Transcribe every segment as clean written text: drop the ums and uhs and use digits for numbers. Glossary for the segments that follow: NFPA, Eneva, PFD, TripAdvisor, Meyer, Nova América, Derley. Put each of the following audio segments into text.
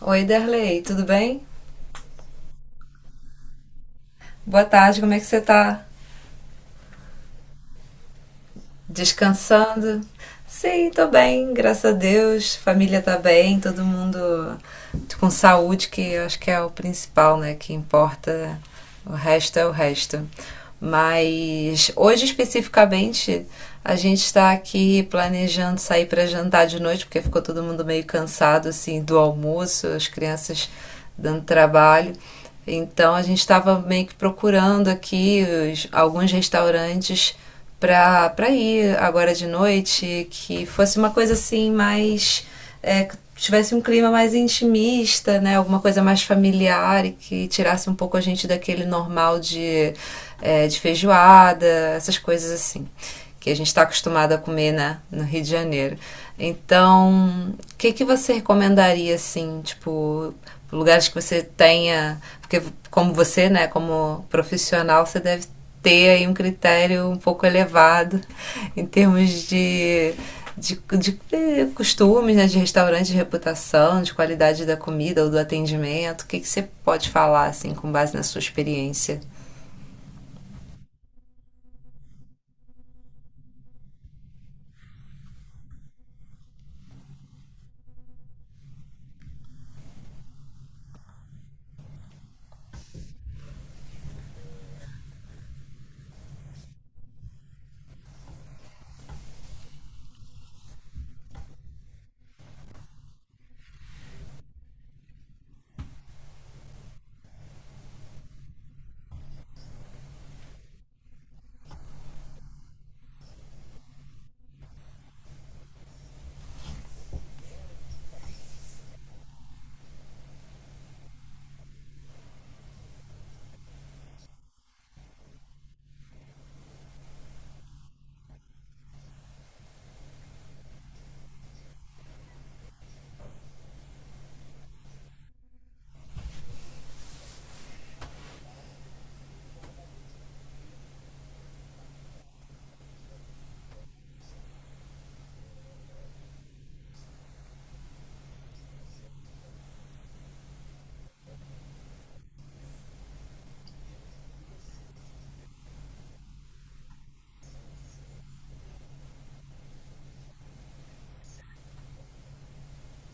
Oi, Derley, tudo bem? Boa tarde, como é que você tá? Descansando? Sim, tô bem, graças a Deus. Família tá bem, todo mundo com saúde, que eu acho que é o principal, né? Que importa. O resto é o resto. Mas hoje especificamente a gente está aqui planejando sair para jantar de noite, porque ficou todo mundo meio cansado assim do almoço, as crianças dando trabalho. Então a gente estava meio que procurando aqui alguns restaurantes pra ir agora de noite, que fosse uma coisa assim mais. Que tivesse um clima mais intimista, né? Alguma coisa mais familiar e que tirasse um pouco a gente daquele normal de de feijoada, essas coisas assim. Que a gente está acostumado a comer, né, no Rio de Janeiro. Então, o que que você recomendaria, assim, tipo, lugares que você tenha. Porque, como você, né, como profissional, você deve ter aí um critério um pouco elevado em termos de costumes, né, de restaurante, de reputação, de qualidade da comida ou do atendimento. O que, que você pode falar, assim, com base na sua experiência?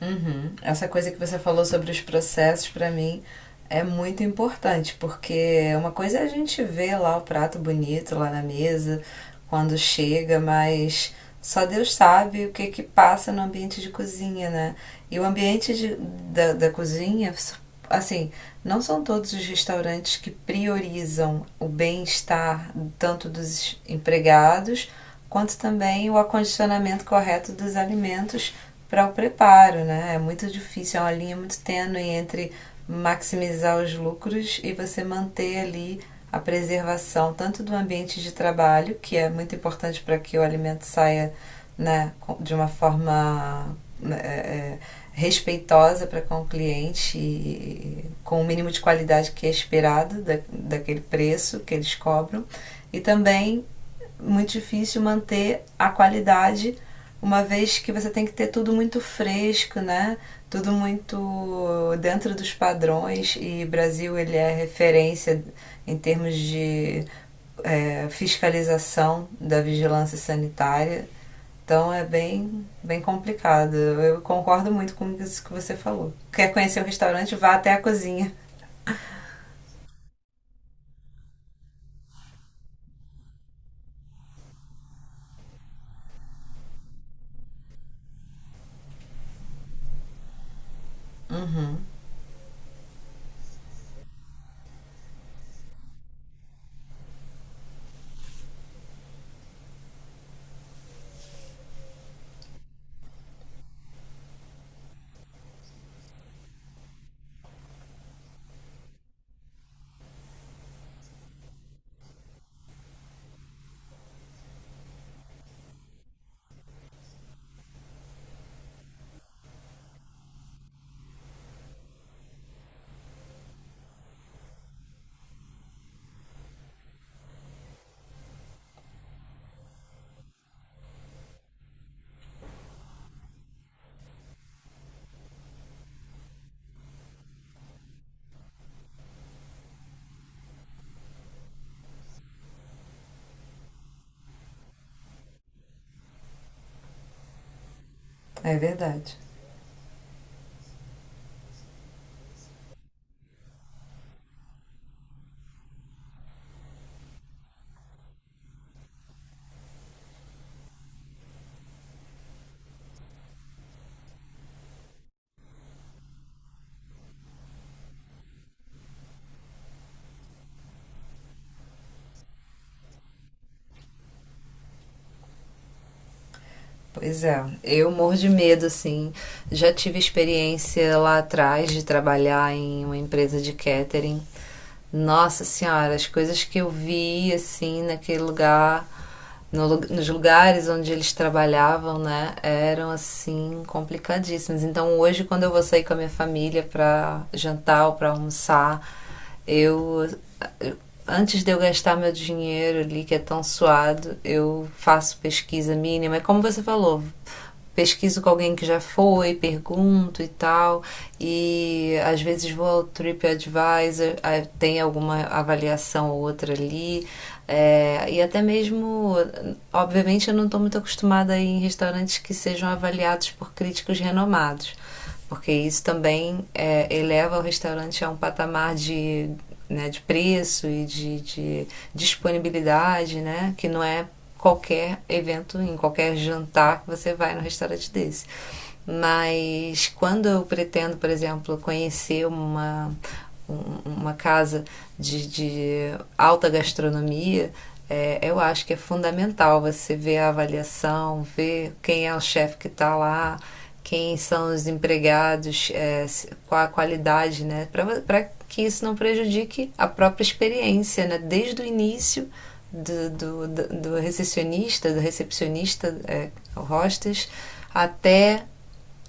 Uhum. Essa coisa que você falou sobre os processos, para mim, é muito importante, porque uma coisa é a gente ver lá o prato bonito lá na mesa, quando chega, mas só Deus sabe o que que passa no ambiente de cozinha, né? E o ambiente da cozinha, assim, não são todos os restaurantes que priorizam o bem-estar tanto dos empregados quanto também o acondicionamento correto dos alimentos para o preparo, né? É muito difícil, é uma linha muito tênue entre maximizar os lucros e você manter ali a preservação tanto do ambiente de trabalho, que é muito importante para que o alimento saia, né, de uma forma, né, respeitosa para com o cliente, e com o mínimo de qualidade que é esperado daquele preço que eles cobram, e também muito difícil manter a qualidade, uma vez que você tem que ter tudo muito fresco, né? Tudo muito dentro dos padrões, e Brasil ele é referência em termos de fiscalização da vigilância sanitária. Então é bem, bem complicado. Eu concordo muito com isso que você falou. Quer conhecer o restaurante? Vá até a cozinha. É verdade. Pois é, eu morro de medo, assim. Já tive experiência lá atrás de trabalhar em uma empresa de catering. Nossa Senhora, as coisas que eu vi, assim, naquele lugar, no lu- nos lugares onde eles trabalhavam, né, eram, assim, complicadíssimas. Então, hoje, quando eu vou sair com a minha família pra jantar ou pra almoçar, eu, antes de eu gastar meu dinheiro ali que é tão suado, eu faço pesquisa mínima. É como você falou, pesquiso com alguém que já foi, pergunto e tal, e às vezes vou ao TripAdvisor, ah, tem alguma avaliação ou outra ali, é, e até mesmo, obviamente eu não estou muito acostumada a ir em restaurantes que sejam avaliados por críticos renomados, porque isso também eleva o restaurante a um patamar de, né, de preço e de disponibilidade, né, que não é qualquer evento, em qualquer jantar que você vai no restaurante desse. Mas quando eu pretendo, por exemplo, conhecer uma casa de alta gastronomia, eu acho que é fundamental você ver a avaliação, ver quem é o chefe que está lá, quem são os empregados, é, qual a qualidade, né? Para que isso não prejudique a própria experiência, né? Desde o início do, do, do recepcionista, do recepcionista, hostes, até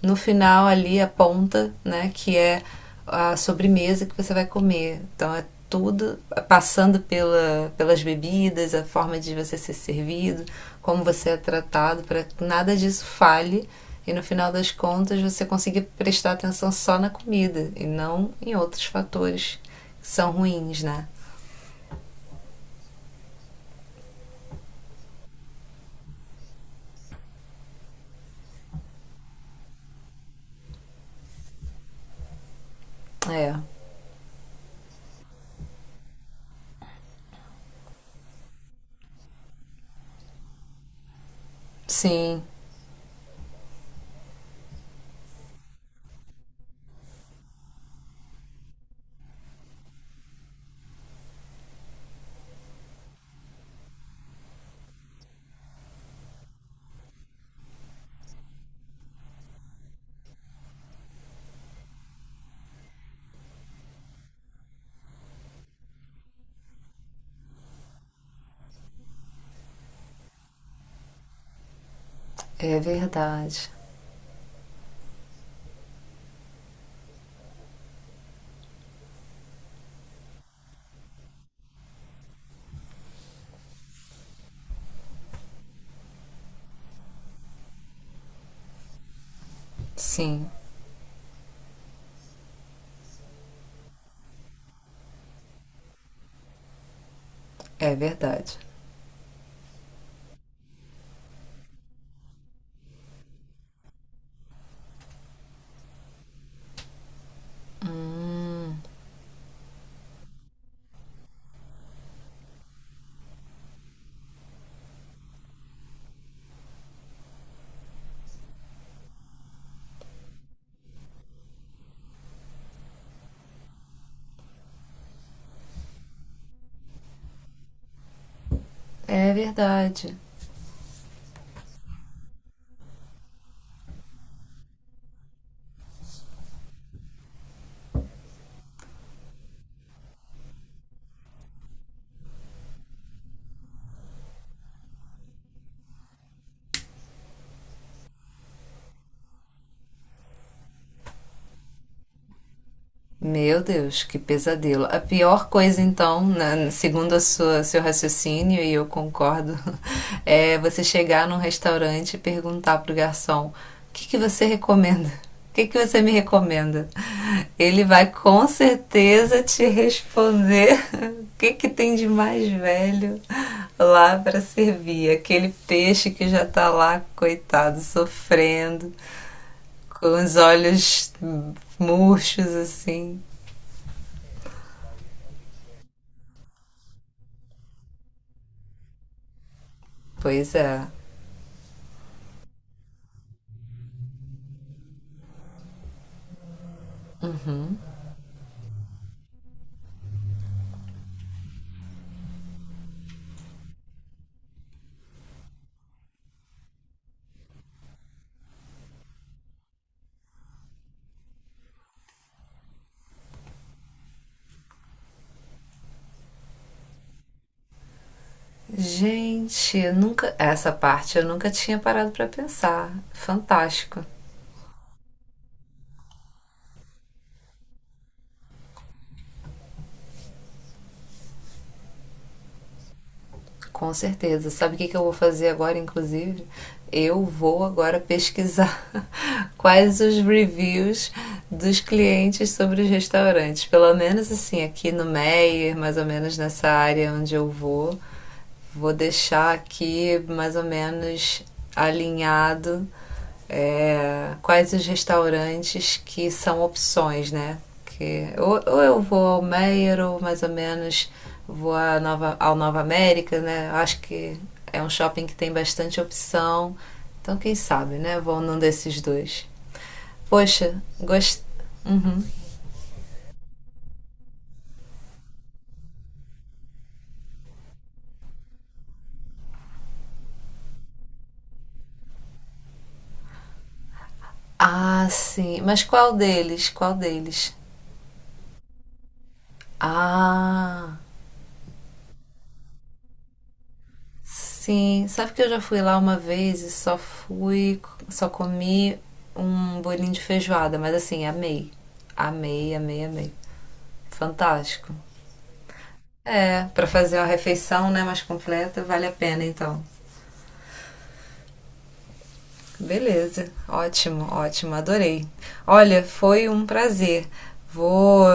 no final ali a ponta, né, que é a sobremesa que você vai comer. Então é tudo, é, passando pela, pelas bebidas, a forma de você ser servido, como você é tratado, para que nada disso falhe e no final das contas você consiga prestar atenção só na comida e não em outros fatores que são ruins, né? É, sim, é verdade. Sim, é verdade. É verdade. Meu Deus, que pesadelo. A pior coisa, então, segundo a sua, seu raciocínio, e eu concordo, é você chegar num restaurante e perguntar pro garçom: o que que você recomenda? O que que você me recomenda? Ele vai com certeza te responder o que que tem de mais velho lá para servir. Aquele peixe que já tá lá, coitado, sofrendo, com os olhos murchos assim. Pois é. Gente, eu nunca, essa parte eu nunca tinha parado pra pensar. Fantástico, com certeza. Sabe o que que eu vou fazer agora, inclusive? Eu vou agora pesquisar quais os reviews dos clientes sobre os restaurantes. Pelo menos assim, aqui no Meyer, mais ou menos nessa área onde eu vou, vou deixar aqui mais ou menos alinhado, é, quais os restaurantes que são opções, né? Que, ou eu vou ao Meier ou mais ou menos vou à Nova, ao Nova América, né? Acho que é um shopping que tem bastante opção. Então, quem sabe, né? Vou num desses dois. Poxa, gostei. Uhum. Ah, sim. Mas qual deles? Qual deles? Ah, sim, sabe que eu já fui lá uma vez e só fui, só comi um bolinho de feijoada, mas assim, amei. Amei, amei, amei. Fantástico. É, pra fazer uma refeição, né, mais completa, vale a pena então. Beleza, ótimo, ótimo, adorei. Olha, foi um prazer. Vou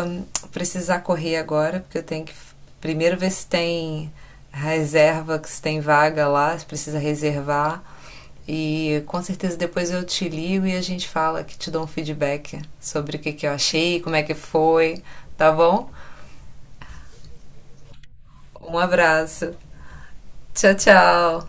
precisar correr agora, porque eu tenho que primeiro ver se tem reserva, se tem vaga lá, se precisa reservar. E com certeza depois eu te ligo e a gente fala, que te dou um feedback sobre o que, que eu achei, como é que foi, tá bom? Um abraço. Tchau, tchau.